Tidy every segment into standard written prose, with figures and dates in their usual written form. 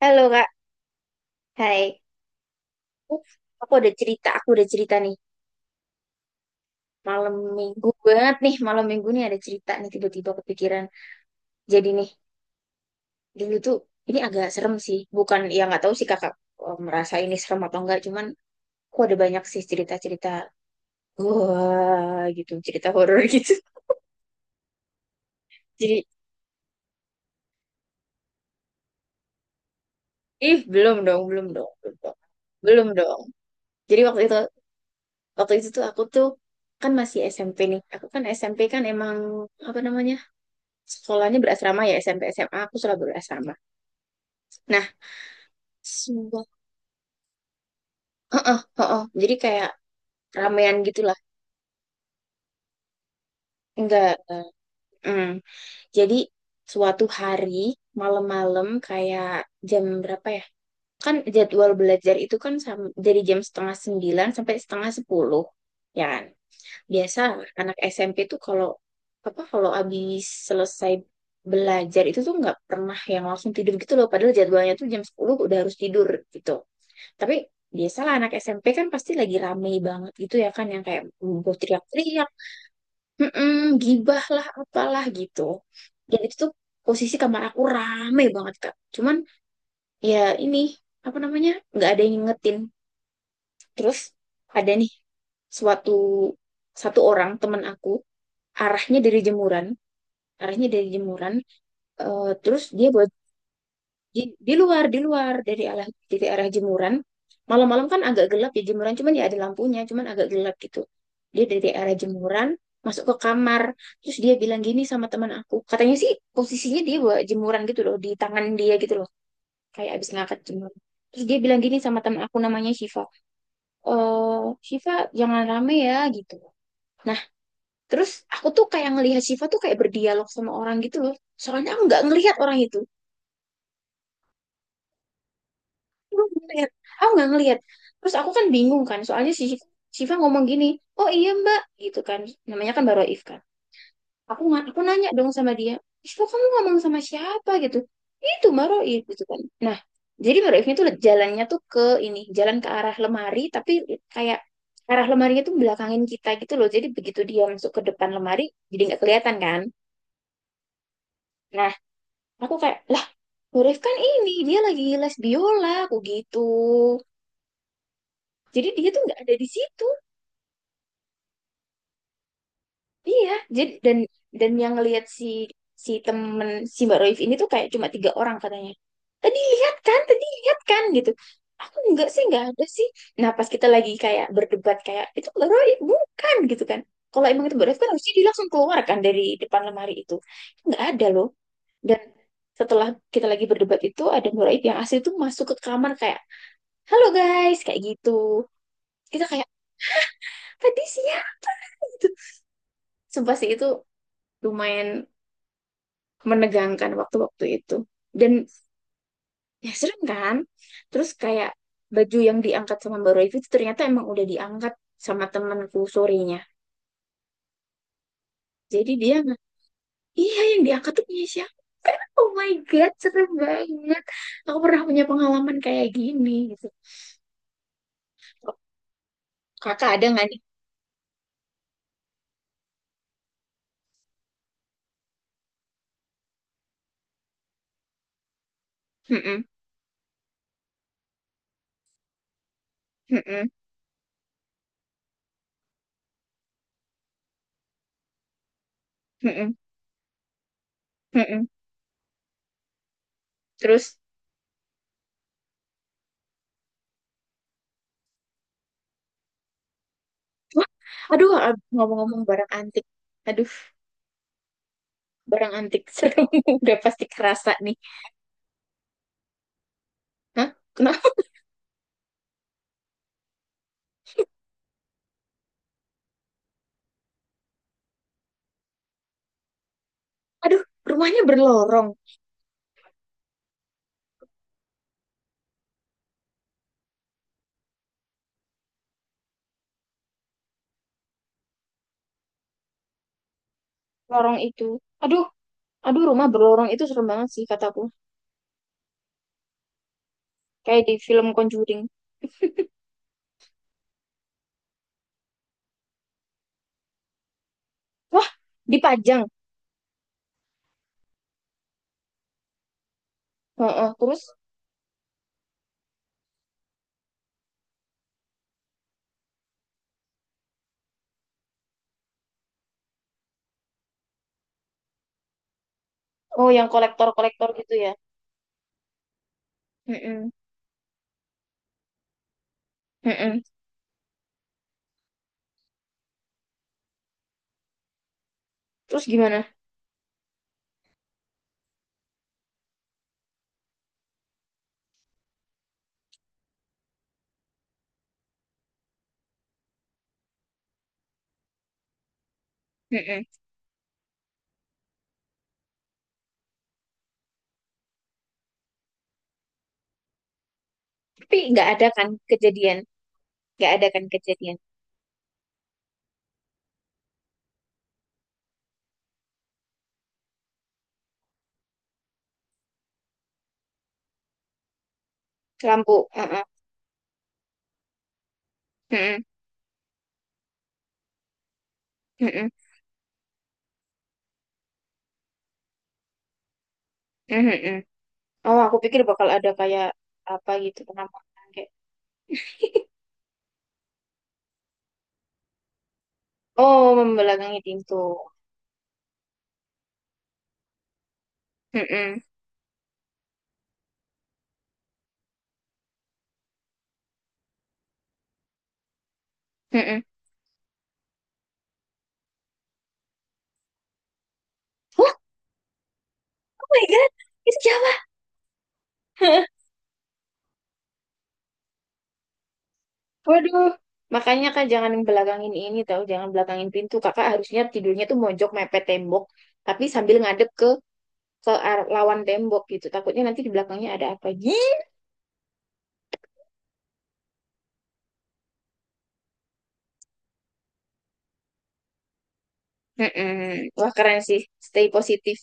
Halo Kak, hai. Uh, aku ada cerita nih. Malam minggu banget nih, malam minggu nih ada cerita nih tiba-tiba kepikiran. Jadi nih, dulu tuh ini agak serem sih. Bukan, ya nggak tahu sih kakak merasa ini serem atau enggak. Cuman aku ada banyak sih cerita-cerita, wah gitu, cerita horor gitu. Jadi, ih belum dong, belum dong, belum dong. Belum dong. Jadi waktu itu tuh aku tuh kan masih SMP nih. Aku kan SMP kan emang apa namanya? Sekolahnya berasrama ya SMP SMA aku selalu berasrama. Nah, semua heeh heeh. Jadi kayak ramean gitulah. Enggak mm. Jadi suatu hari malam-malam kayak jam berapa ya? Kan jadwal belajar itu kan dari jam setengah sembilan sampai setengah sepuluh, ya kan? Biasa anak SMP tuh kalau apa kalau habis selesai belajar itu tuh nggak pernah yang langsung tidur gitu loh. Padahal jadwalnya tuh jam 10 udah harus tidur gitu. Tapi biasalah anak SMP kan pasti lagi rame banget gitu ya kan yang kayak gue teriak-teriak, "Mm-mm, gibah lah apalah gitu." Dan itu tuh posisi kamar aku rame banget Kak. Cuman ya ini apa namanya nggak ada yang ngingetin. Terus ada nih suatu satu orang teman aku arahnya dari jemuran, arahnya dari jemuran. Terus dia Di, di luar dari arah jemuran. Malam-malam kan agak gelap ya jemuran, cuman ya ada lampunya, cuman agak gelap gitu. Dia dari arah jemuran masuk ke kamar, terus dia bilang gini sama teman aku. Katanya sih posisinya dia bawa jemuran gitu loh di tangan dia gitu loh, kayak abis ngangkat jemuran. Terus dia bilang gini sama teman aku namanya Syifa. Eh, Syifa jangan rame ya gitu. Nah, terus aku tuh kayak ngelihat Syifa tuh kayak berdialog sama orang gitu loh. Soalnya aku nggak ngelihat orang itu. aku nggak ngeliat aku nggak ngeliat terus aku kan bingung kan soalnya Syifa ngomong gini oh iya mbak gitu kan namanya kan Baroif kan aku nanya dong sama dia Syifa kamu ngomong sama siapa gitu itu Baroif gitu kan nah jadi Baroifnya tuh jalannya tuh ke ini jalan ke arah lemari tapi kayak arah lemarinya tuh belakangin kita gitu loh jadi begitu dia masuk ke depan lemari jadi nggak kelihatan kan nah aku kayak lah Baroif kan ini dia lagi les biola aku gitu jadi dia tuh nggak ada di situ. Iya, jadi dan yang ngelihat si si temen si Mbak Roif ini tuh kayak cuma tiga orang katanya. Tadi lihat kan gitu. Aku enggak sih, enggak ada sih. Nah, pas kita lagi kayak berdebat kayak itu Mbak Roif bukan gitu kan. Kalau emang itu Mbak Roif kan harusnya dia langsung keluar kan dari depan lemari itu. Enggak ada loh. Dan setelah kita lagi berdebat itu ada Mbak Roif yang asli tuh masuk ke kamar kayak, "Halo guys," kayak gitu. Kita kayak tadi siang gitu. Sumpah sih itu lumayan menegangkan waktu-waktu itu. Dan ya serem kan? Terus kayak baju yang diangkat sama Mbak Royvi itu ternyata emang udah diangkat sama temanku sorenya. Jadi dia, iya yang diangkat tuh punya siapa? Oh my God, serem banget. Aku pernah punya pengalaman kayak gini gitu. Kakak ada nggak nih? Mm-mm, mm-mm, mm-mm, mm-mm. Terus, wah, aduh ngomong-ngomong barang antik. Aduh, barang antik serem. Udah pasti kerasa nih. Hah? Kenapa? Aduh, rumahnya berlorong. Lorong itu. Aduh, aduh rumah berlorong itu serem banget sih kataku. Kayak di film Conjuring. Wah, dipajang. Heeh, terus, oh yang kolektor-kolektor gitu ya. Heeh, heeh. Terus gimana? Heeh. Tapi nggak ada kan kejadian. Nggak ada kan kejadian. Lampu. Heeh, heeh, heeh, heeh, heeh. Oh, aku pikir bakal ada kayak apa gitu penampakan kayak oh membelakangi pintu. Heeh, heeh. Wah, oh my God, itu jalan. Waduh, makanya Kak jangan belakangin ini tahu, jangan belakangin pintu. Kakak harusnya tidurnya tuh mojok mepet tembok, tapi sambil ngadep ke lawan tembok gitu. Takutnya nanti di belakangnya ada apa. Ih, mm-mm. Wah, keren sih. Stay positif.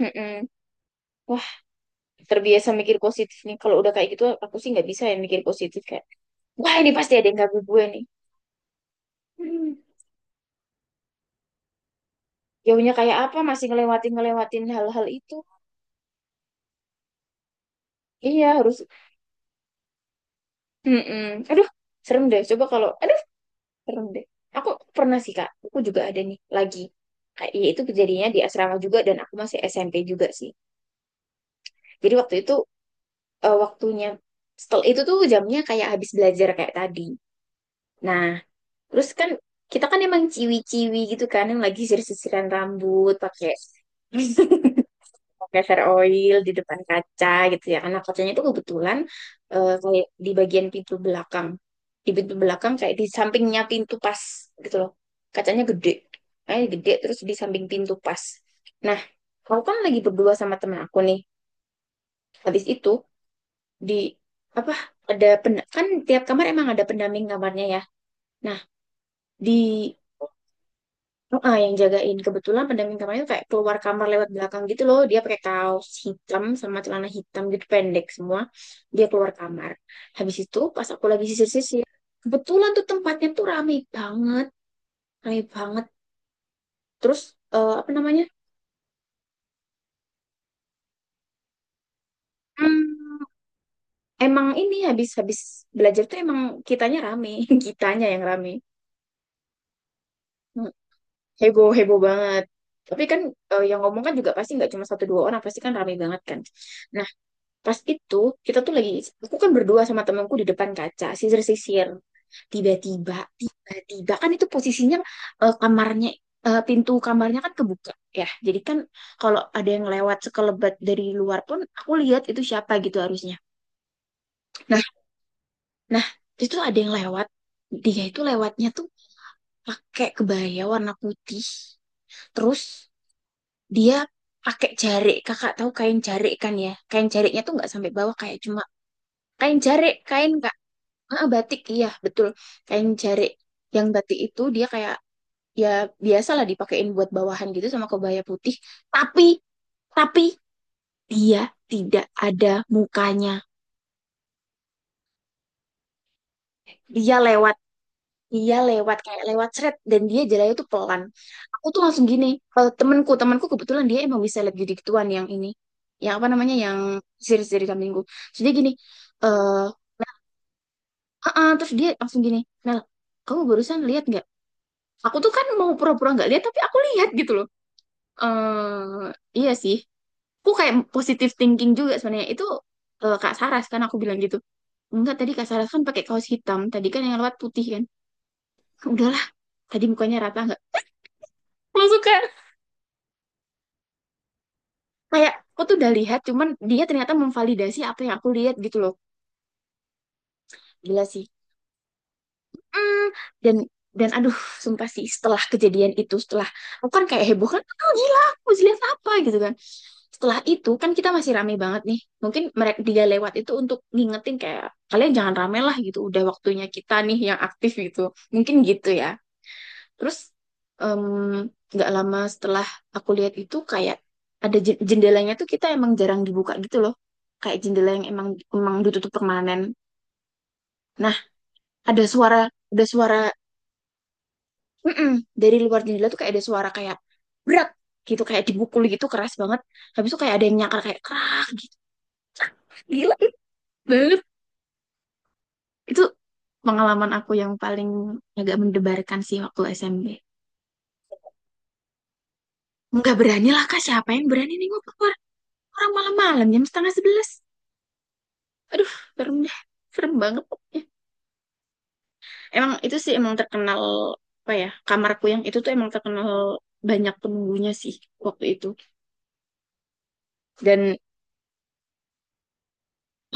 Mm-mm. Wah, terbiasa mikir positif nih. Kalau udah kayak gitu aku sih nggak bisa ya mikir positif kayak, wah ini pasti ada yang ganggu gue nih. Hmm. Jauhnya kayak apa masih ngelewatin ngelewatin hal-hal itu. Iya, harus. Mm-mm. Aduh, serem deh. Coba kalau Seru deh. Aku pernah sih Kak, aku juga ada nih lagi. Kayak ya itu kejadiannya di asrama juga dan aku masih SMP juga sih. Jadi waktu itu waktunya setelah itu tuh jamnya kayak habis belajar kayak tadi. Nah, terus kan kita kan emang ciwi-ciwi gitu kan yang lagi sisir-sisiran rambut pakai fair oil di depan kaca gitu ya. Karena kacanya itu kebetulan kayak di bagian pintu belakang. Di pintu belakang kayak di sampingnya pintu pas gitu loh. Kacanya gede. Kacanya gede terus di samping pintu pas. Nah, aku kan lagi berdua sama temen aku nih. Habis itu di apa ada kan tiap kamar emang ada pendamping kamarnya ya. Nah, di heeh, yang jagain kebetulan pendamping kamarnya tuh kayak keluar kamar lewat belakang gitu loh dia pakai kaos hitam sama celana hitam gitu pendek semua dia keluar kamar habis itu pas aku lagi sisir-sisir kebetulan tuh tempatnya tuh rame banget terus apa namanya hmm, emang ini habis habis belajar tuh emang kitanya rame kitanya yang rame. Hmm, heboh heboh banget tapi kan yang ngomong kan juga pasti nggak cuma satu dua orang pasti kan rame banget kan nah pas itu kita tuh lagi, aku kan berdua sama temanku di depan kaca, sisir-sisir. Tiba-tiba, tiba-tiba kan itu posisinya eh, kamarnya, pintu kamarnya kan kebuka ya. Jadi kan kalau ada yang lewat sekelebat dari luar pun, aku lihat itu siapa gitu harusnya. Nah, nah itu ada yang lewat. Dia itu lewatnya tuh pakai kebaya warna putih. Terus dia pakai jarik, kakak tahu kain jarik kan ya? Kain jariknya tuh nggak sampai bawah kayak cuma kain jarik, kain Kak. Ah, batik iya betul kain jarik yang batik itu dia kayak ya biasalah dipakein buat bawahan gitu sama kebaya putih tapi tapi dia tidak ada mukanya dia lewat dia lewat kayak lewat seret dan dia jalannya tuh pelan aku tuh langsung gini temenku temenku kebetulan dia emang bisa lihat gitu gituan yang ini yang apa namanya yang siri dari kambingku terus dia gini eh ah. terus dia langsung gini Mel kamu barusan lihat nggak aku tuh kan mau pura-pura nggak lihat tapi aku lihat gitu loh eh iya sih aku kayak positive thinking juga sebenarnya itu Kak Saras kan aku bilang gitu enggak tadi Kak Saras kan pakai kaos hitam tadi kan yang lewat putih kan udahlah tadi mukanya rata nggak langsung kayak kayak aku tuh udah lihat cuman dia ternyata memvalidasi apa yang aku lihat gitu loh gila sih Mm, dan dan aduh sumpah sih setelah kejadian itu setelah aku kan kayak heboh kan oh, gila aku mesti lihat apa gitu kan setelah itu kan kita masih rame banget nih mungkin dia lewat itu untuk ngingetin kayak kalian jangan rame lah gitu udah waktunya kita nih yang aktif gitu mungkin gitu ya terus em, nggak lama setelah aku lihat itu kayak ada jendelanya tuh kita emang jarang dibuka gitu loh kayak jendela yang emang emang ditutup permanen nah ada suara ada suara mm-mm. Dari luar jendela tuh kayak ada suara kayak berat gitu kayak dipukul gitu keras banget. Habis itu kayak ada yang nyakar kayak krak gila banget. Itu pengalaman aku yang paling agak mendebarkan sih waktu SMP. Nggak berani lah kak siapa yang berani nih gua keluar orang malam-malam jam setengah sebelas. Aduh serem deh serem banget pokoknya. Emang itu sih emang terkenal apa ya kamarku yang itu tuh emang terkenal banyak penunggunya sih waktu itu. Dan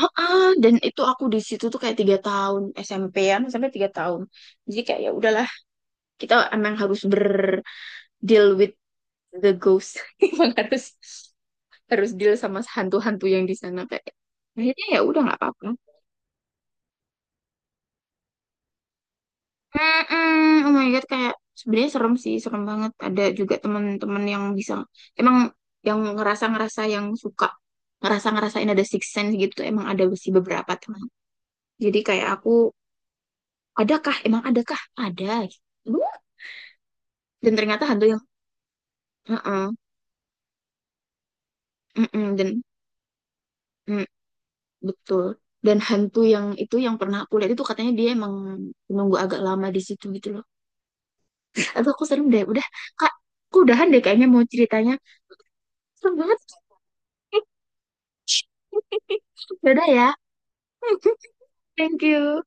heeh, dan itu aku di situ tuh kayak 3 tahun SMP-an sampai 3 tahun. Jadi kayak ya udahlah, kita emang harus berdeal with the ghost. Emang harus harus deal sama hantu-hantu yang di sana kayak. Akhirnya ya udah nggak apa-apa. Mm-mm, oh my God, kayak sebenarnya serem sih, serem banget. Ada juga teman-teman yang bisa emang yang ngerasa-ngerasa yang suka ngerasa-ngerasain ada six sense gitu tuh emang ada sih beberapa teman. Jadi kayak aku, adakah? Emang adakah? Ada. Dan ternyata hantu yang heeh, mm-mm, dan mm, betul. Dan hantu yang itu yang pernah aku lihat itu katanya dia emang nunggu agak lama di situ gitu loh. Atau aku serem deh. Udah, Kak, aku udahan deh kayaknya mau ceritanya. Serem banget. Dadah ya. Thank you.